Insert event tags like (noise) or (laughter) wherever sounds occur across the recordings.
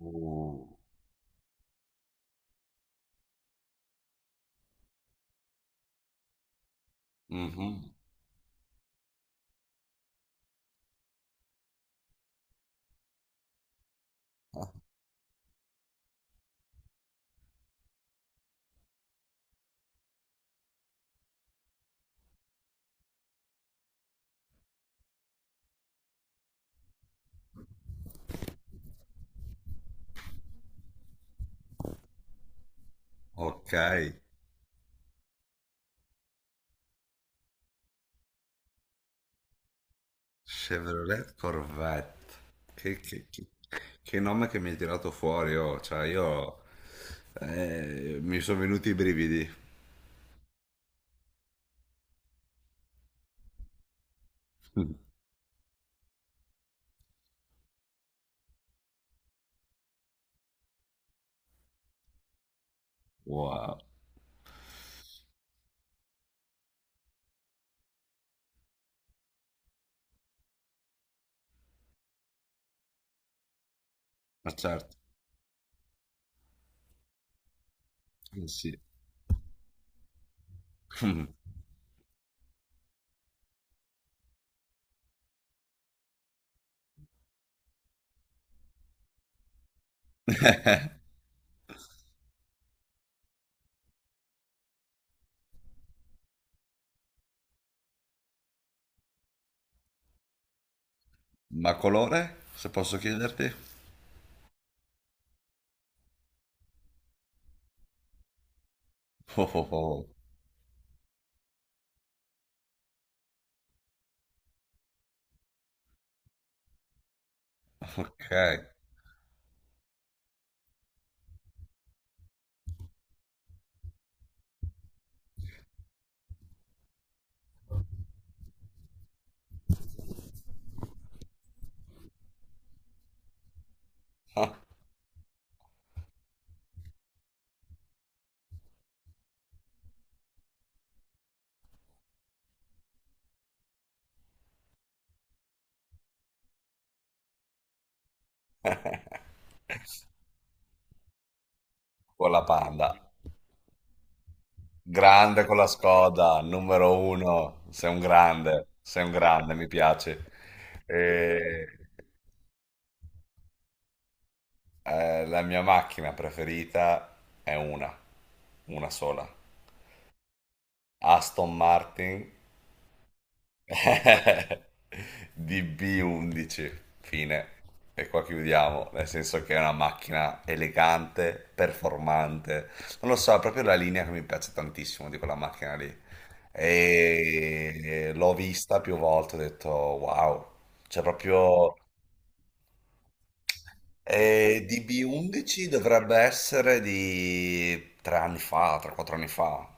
Uh, mhm. Ok, Chevrolet Corvette. Che, che- che- che nome che mi hai tirato fuori, oh. Cioè, io mi sono venuti i brividi. (laughs) Wow, ma certo, eh sì. (laughs) Ma colore, se posso chiederti? Oh, oh, oh, ok. (laughs) Con la Panda. Grande con la Skoda, numero uno. Sei un grande, mi piace. E- la mia macchina preferita è una sola. Aston Martin (laughs) DB11, fine. E qua chiudiamo, nel senso che è una macchina elegante, performante. Non lo so, è proprio la linea che mi piace tantissimo di quella macchina lì. E l'ho vista più volte, ho detto wow, cioè proprio. E DB11 dovrebbe essere di 3 anni fa, 3-4 anni fa.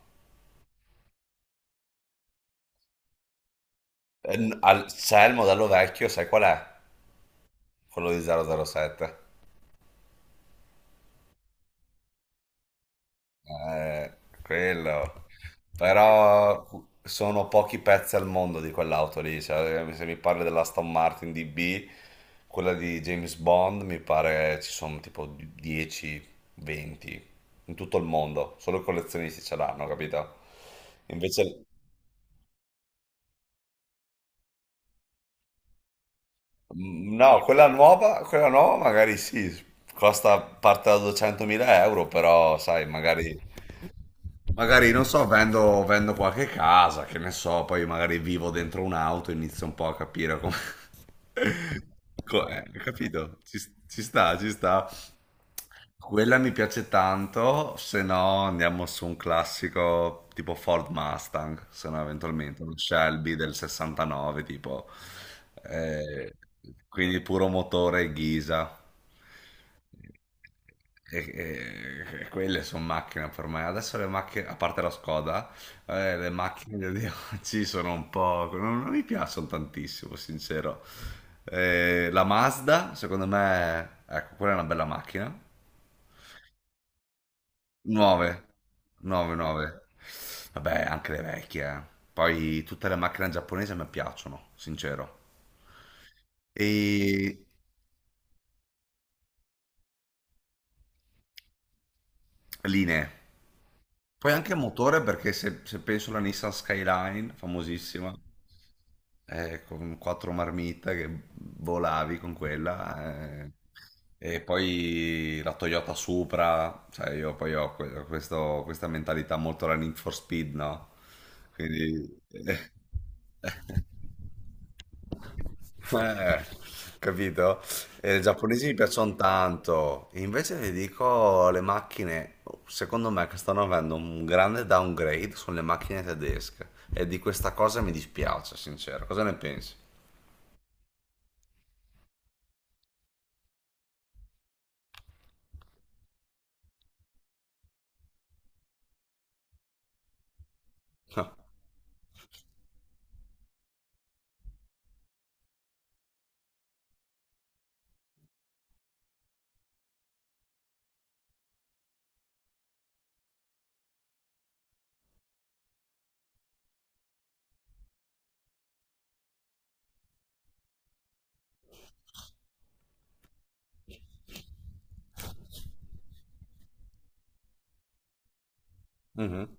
C'è il modello vecchio, sai qual è? Quello di 007. Eh, quello. Però sono pochi pezzi al mondo di quell'auto lì. Cioè, se mi parli dell'Aston Martin DB, quella di James Bond, mi pare ci sono tipo 10, 20 in tutto il mondo. Solo i collezionisti ce l'hanno, capito? Invece. Mm, no, quella nuova magari sì, costa parte da 200.000 euro, però sai, magari non so, vendo qualche casa, che ne so, poi magari vivo dentro un'auto, inizio un po' a capire come. (laughs) Capito? Ci sta, ci sta. Quella mi piace tanto, se no andiamo su un classico tipo Ford Mustang, se no eventualmente un Shelby del 69 tipo. Eh, quindi puro motore Ghisa. E quelle sono macchine per me. Adesso le macchine, a parte la Skoda, le macchine di oggi sono un po', non mi piacciono tantissimo, sincero. La Mazda, secondo me, ecco, quella è una bella macchina. Nuove, 9, 9. Vabbè, anche le vecchie. Poi tutte le macchine giapponesi mi piacciono, sincero. E linee. Poi anche motore perché se penso alla Nissan Skyline, famosissima, con quattro marmite che volavi con quella, e poi la Toyota Supra, cioè io poi ho questa mentalità molto la Need for Speed, no? Quindi. (laughs) eh, Capito? E i giapponesi mi piacciono tanto, invece vi dico le macchine, secondo me che stanno avendo un grande downgrade sono le macchine tedesche e di questa cosa mi dispiace, sincero. Cosa ne pensi? (laughs) Mhm.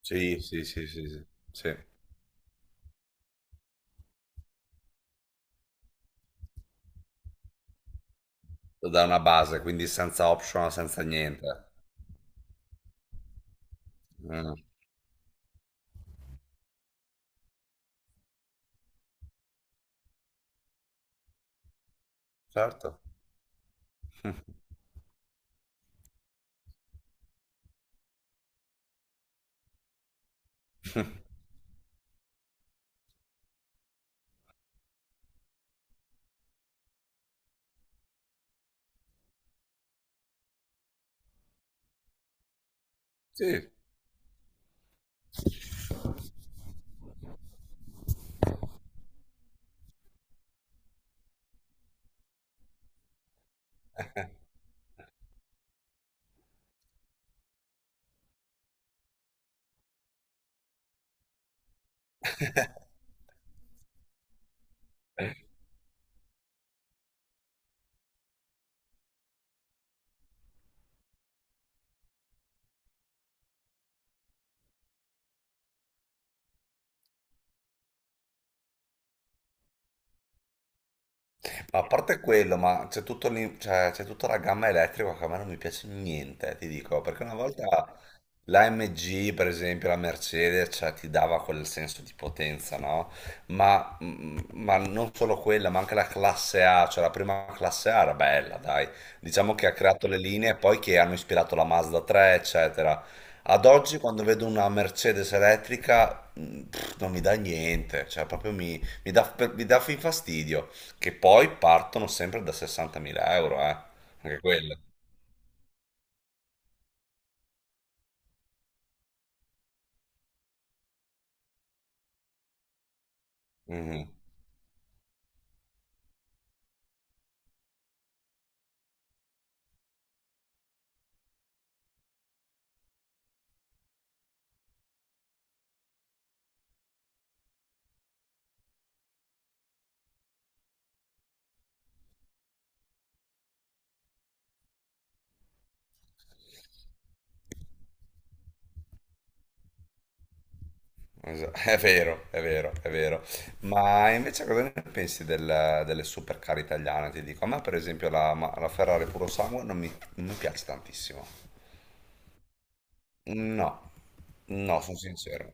Sì, sì, sì, sì, sì, sì. Da una base, quindi senza optional, senza niente. Mm, certo. (laughs) Sì, ma a parte quello, ma c'è cioè, c'è tutta la gamma elettrica che a me non mi piace niente, ti dico, perché una volta la MG, per esempio, la Mercedes, cioè, ti dava quel senso di potenza, no? Ma non solo quella, ma anche la classe A, cioè la prima classe A era bella, dai. Diciamo che ha creato le linee poi che hanno ispirato la Mazda 3, eccetera. Ad oggi, quando vedo una Mercedes elettrica, non mi dà niente, cioè proprio mi dà fin fastidio, che poi partono sempre da 60.000 euro, eh? Anche quelle. È vero, è vero, è vero. Ma invece cosa ne pensi delle supercar italiane? Ti dico, a me per esempio la Ferrari puro sangue non mi piace tantissimo. No, no, sono sincero.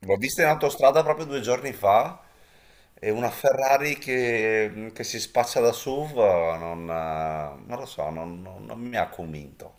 L'ho vista in autostrada proprio 2 giorni fa e una Ferrari che si spaccia da SUV, non lo so, non mi ha convinto.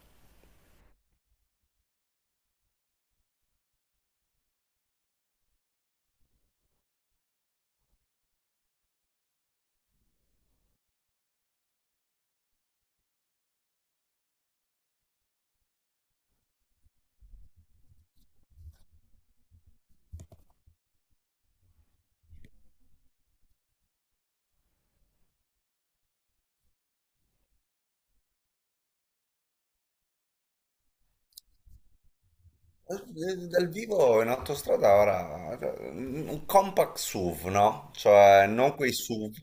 Dal vivo in autostrada ora un compact SUV, no? Cioè non quei SUV,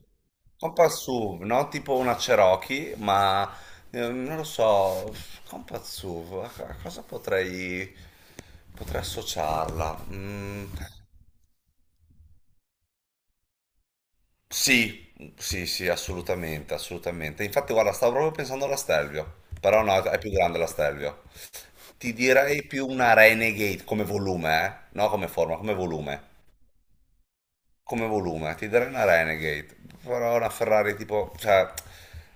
compact SUV, no? Tipo una Cherokee, ma non lo so, compact SUV, a cosa potrei associarla? Mm, sì, sì, sì, assolutamente, assolutamente. Infatti guarda, stavo proprio pensando alla Stelvio, però no, è più grande la Stelvio. Ti direi più una Renegade come volume, eh? No, come forma, come volume. Come volume, ti darei una Renegade, però una Ferrari tipo, cioè,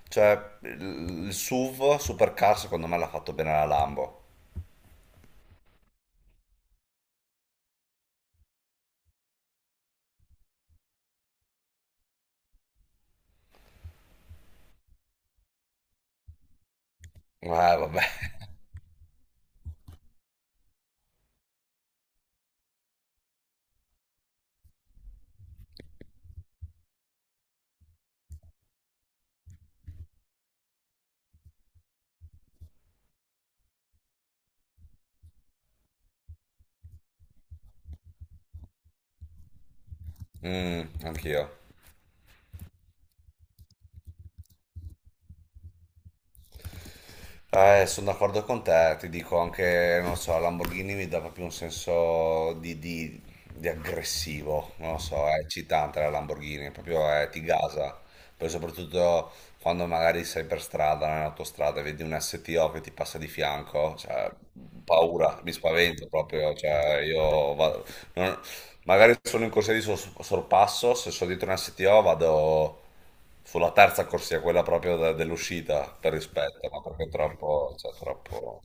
cioè il SUV Supercar secondo me l'ha fatto bene la Lambo. Vabbè. Mm, anch'io. Sono d'accordo con te, ti dico anche, non so, la Lamborghini mi dà proprio un senso di, di aggressivo, non lo so, è eccitante la Lamborghini, proprio ti gasa, poi soprattutto quando magari sei per strada, nell'autostrada, e vedi un STO che ti passa di fianco, cioè, paura, mi spavento proprio, cioè, io va- non- magari sono in corsia di sorpasso, se sono dietro una STO vado sulla terza corsia, quella proprio dell'uscita, per rispetto, ma perché è troppo, cioè, troppo,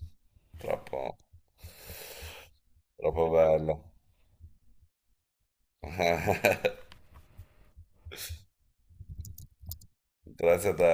troppo, troppo bello. (laughs) Grazie a te.